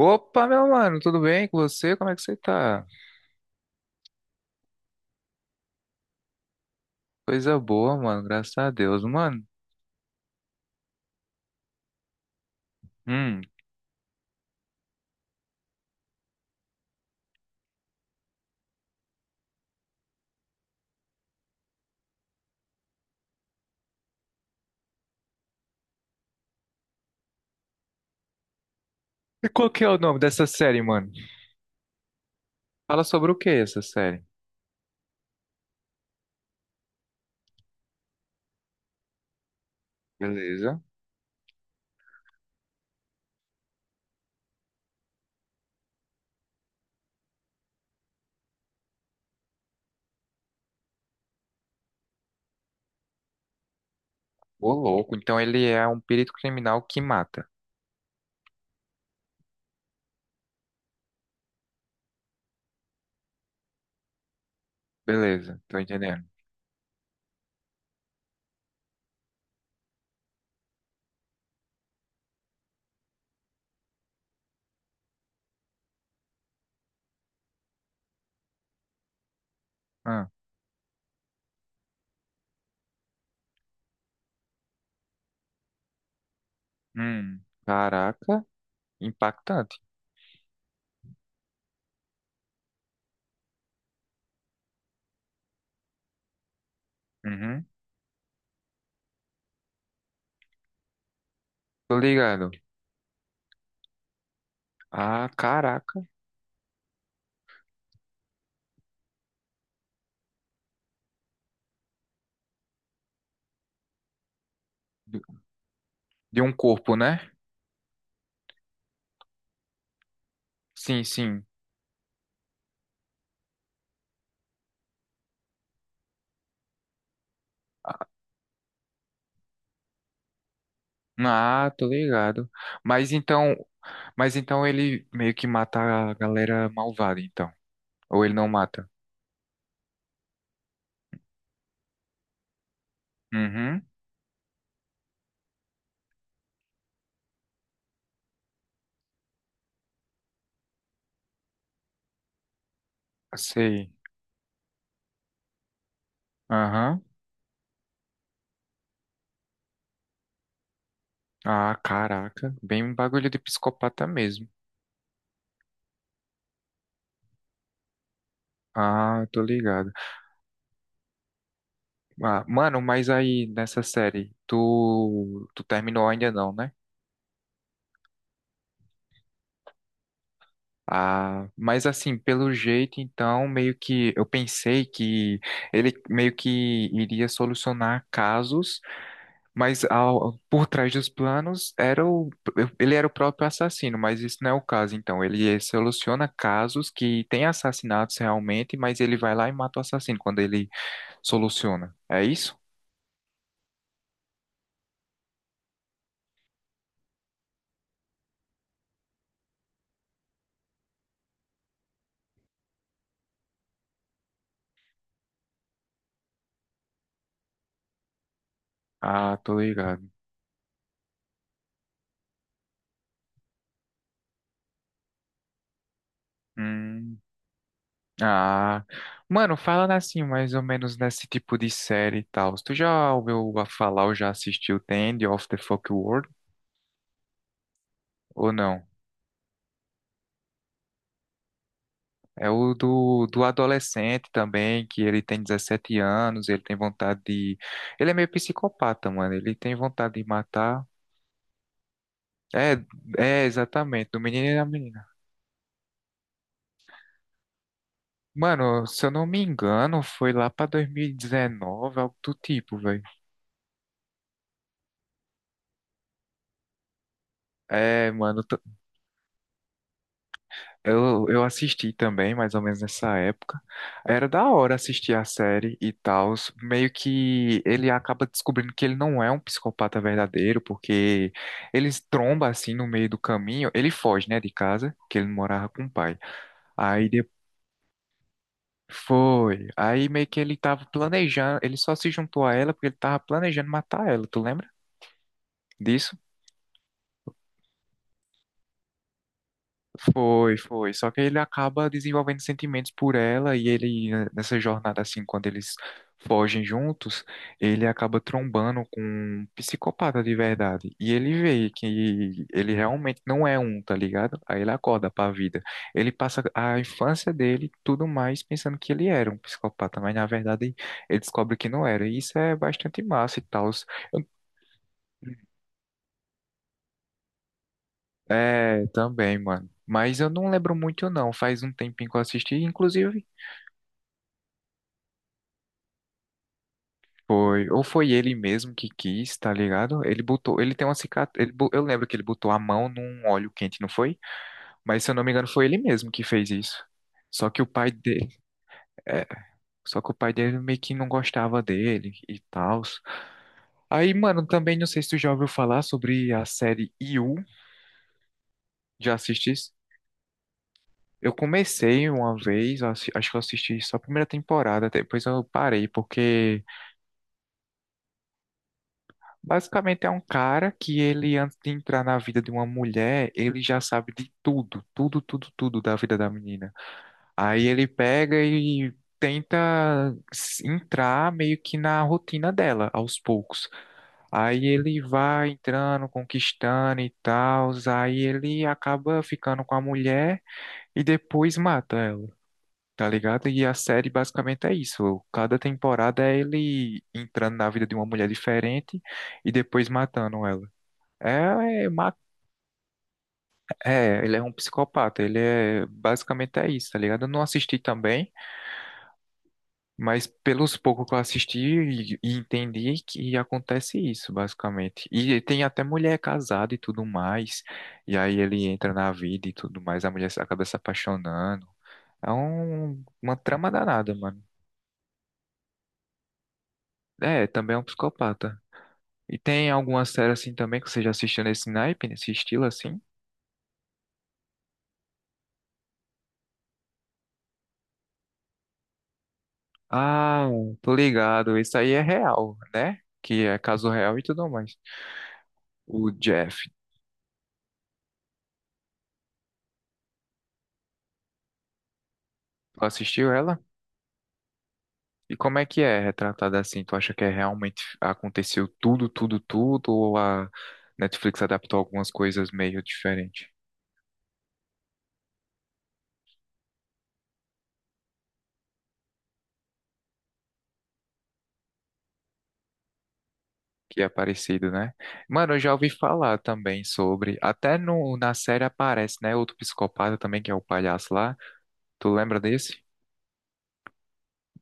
Opa, meu mano, tudo bem com você? Como é que você tá? Coisa boa, mano, graças a Deus, mano. Hum. E qual que é o nome dessa série, mano? Fala sobre o que essa série? Beleza. Ô, louco, então ele é um perito criminal que mata. Beleza, tô entendendo. Ah, hum. Caraca, impactante. Uhum. Tô ligado. Ah, caraca. De de um corpo, né? Sim, sim. Ah, tô ligado. Mas então, mas então ele meio que mata a galera malvada, então. Ou ele não mata? Uhum. Sei. Aham. Ah, caraca. Bem um bagulho de psicopata mesmo. Ah, tô ligado. Ah, mano, mas aí nessa série, tu terminou ainda não, né? Ah, mas assim, pelo jeito, então, meio que eu pensei que ele meio que iria solucionar casos. Mas por trás dos planos era o, ele era o próprio assassino, mas isso não é o caso. Então, ele soluciona casos que tem assassinatos realmente, mas ele vai lá e mata o assassino quando ele soluciona. É isso? Ah, tô ligado. Hum, ah, mano, falando assim, mais ou menos nesse tipo de série e tal. Tu já ouviu falar ou já assistiu The End of the Fuck World ou não? É o do, do adolescente também, que ele tem 17 anos, ele tem vontade de. Ele é meio psicopata, mano. Ele tem vontade de matar. É, é exatamente, do menino e da menina. Mano, se eu não me engano, foi lá pra 2019, algo do tipo, velho. É, mano, eu assisti também, mais ou menos nessa época. Era da hora assistir a série e tal. Meio que ele acaba descobrindo que ele não é um psicopata verdadeiro, porque eles tromba assim no meio do caminho. Ele foge, né, de casa, que ele morava com o pai. Aí depois foi. Aí meio que ele tava planejando, ele só se juntou a ela porque ele tava planejando matar ela, tu lembra? Disso? Foi, foi. Só que ele acaba desenvolvendo sentimentos por ela e ele, né, nessa jornada, assim, quando eles fogem juntos, ele acaba trombando com um psicopata de verdade. E ele vê que ele realmente não é um, tá ligado? Aí ele acorda pra vida. Ele passa a infância dele, e tudo mais, pensando que ele era um psicopata, mas na verdade ele descobre que não era. E isso é bastante massa e tal. Eu é, também, mano. Mas eu não lembro muito, não. Faz um tempinho que eu assisti. Inclusive, foi, ou foi ele mesmo que quis, tá ligado? Ele botou, ele tem uma cicatriz, ele, eu lembro que ele botou a mão num óleo quente, não foi? Mas se eu não me engano, foi ele mesmo que fez isso. Só que o pai dele, é, só que o pai dele meio que não gostava dele e tal. Aí, mano, também não sei se tu já ouviu falar sobre a série You, já assististe? Eu comecei uma vez, eu acho que eu assisti só a primeira temporada, depois eu parei porque basicamente é um cara que ele, antes de entrar na vida de uma mulher, ele já sabe de tudo, tudo, tudo, tudo da vida da menina. Aí ele pega e tenta entrar meio que na rotina dela, aos poucos. Aí ele vai entrando, conquistando e tal, aí ele acaba ficando com a mulher e depois mata ela, tá ligado? E a série basicamente é isso. Cada temporada é ele entrando na vida de uma mulher diferente e depois matando ela. É, é, é, ele é um psicopata, ele é basicamente é isso, tá ligado? Eu não assisti também, mas pelos poucos que eu assisti e entendi que acontece isso, basicamente. E tem até mulher casada e tudo mais, e aí ele entra na vida e tudo mais, a mulher acaba se apaixonando. É um, uma trama danada, mano. É, também é um psicopata. E tem alguma série assim também que você já assistiu nesse naipe, nesse estilo assim? Ah, tô ligado. Isso aí é real, né? Que é caso real e tudo mais. O Jeff, tu assistiu ela? E como é que é retratada assim? Tu acha que é realmente aconteceu tudo, tudo, tudo? Ou a Netflix adaptou algumas coisas meio diferentes? Que é parecido, né? Mano, eu já ouvi falar também sobre. Até no, na série aparece, né? Outro psicopata também, que é o palhaço lá. Tu lembra desse?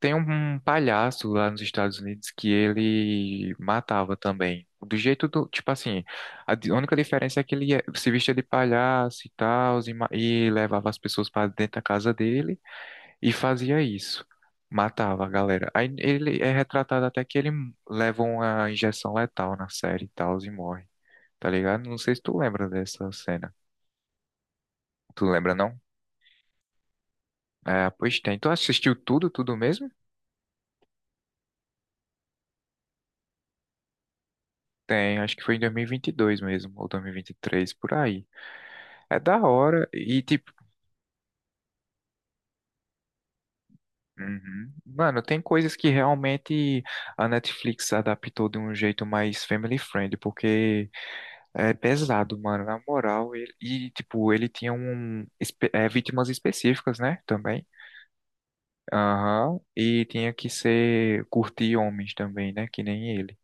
Tem um palhaço lá nos Estados Unidos que ele matava também. Do jeito do, tipo assim, a única diferença é que ele se vestia de palhaço e tal, e, e levava as pessoas para dentro da casa dele e fazia isso. Matava a galera. Aí ele é retratado até que ele leva uma injeção letal na série e tal, e morre. Tá ligado? Não sei se tu lembra dessa cena. Tu lembra, não? É, pois tem. Tu assistiu tudo, tudo mesmo? Tem, acho que foi em 2022 mesmo, ou 2023, por aí. É da hora. E, tipo, uhum. Mano, tem coisas que realmente a Netflix adaptou de um jeito mais family friendly, porque é pesado, mano. Na moral, e, tipo, ele tinha um, é, vítimas específicas, né? Também. Aham. E tinha que ser curtir homens também, né? Que nem ele.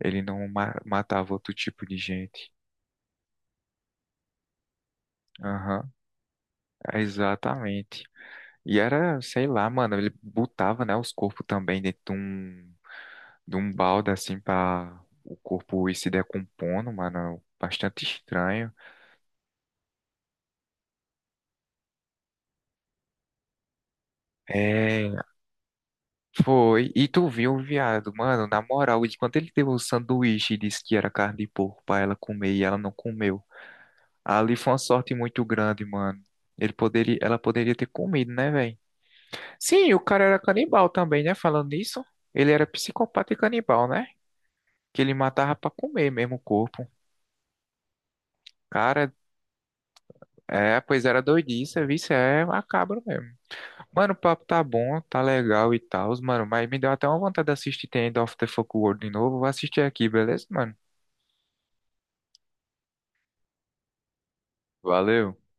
Ele não matava outro tipo de gente. Aham. Exatamente. E era, sei lá, mano, ele botava, né, os corpos também dentro de um balde, assim, pra o corpo ir se decompondo, mano. Bastante estranho. É, foi. E tu viu o viado, mano, na moral, de quando ele deu o sanduíche e disse que era carne de porco pra ela comer e ela não comeu. Ali foi uma sorte muito grande, mano. Ele poderia, ela poderia ter comido, né, velho? Sim, o cara era canibal também, né? Falando nisso, ele era psicopata e canibal, né? Que ele matava pra comer mesmo o corpo. Cara, é, pois era doidice, vice é macabro mesmo. Mano, o papo tá bom, tá legal e tal, mano, mas me deu até uma vontade de assistir The End of the Fuck World de novo. Vou assistir aqui, beleza, mano? Valeu.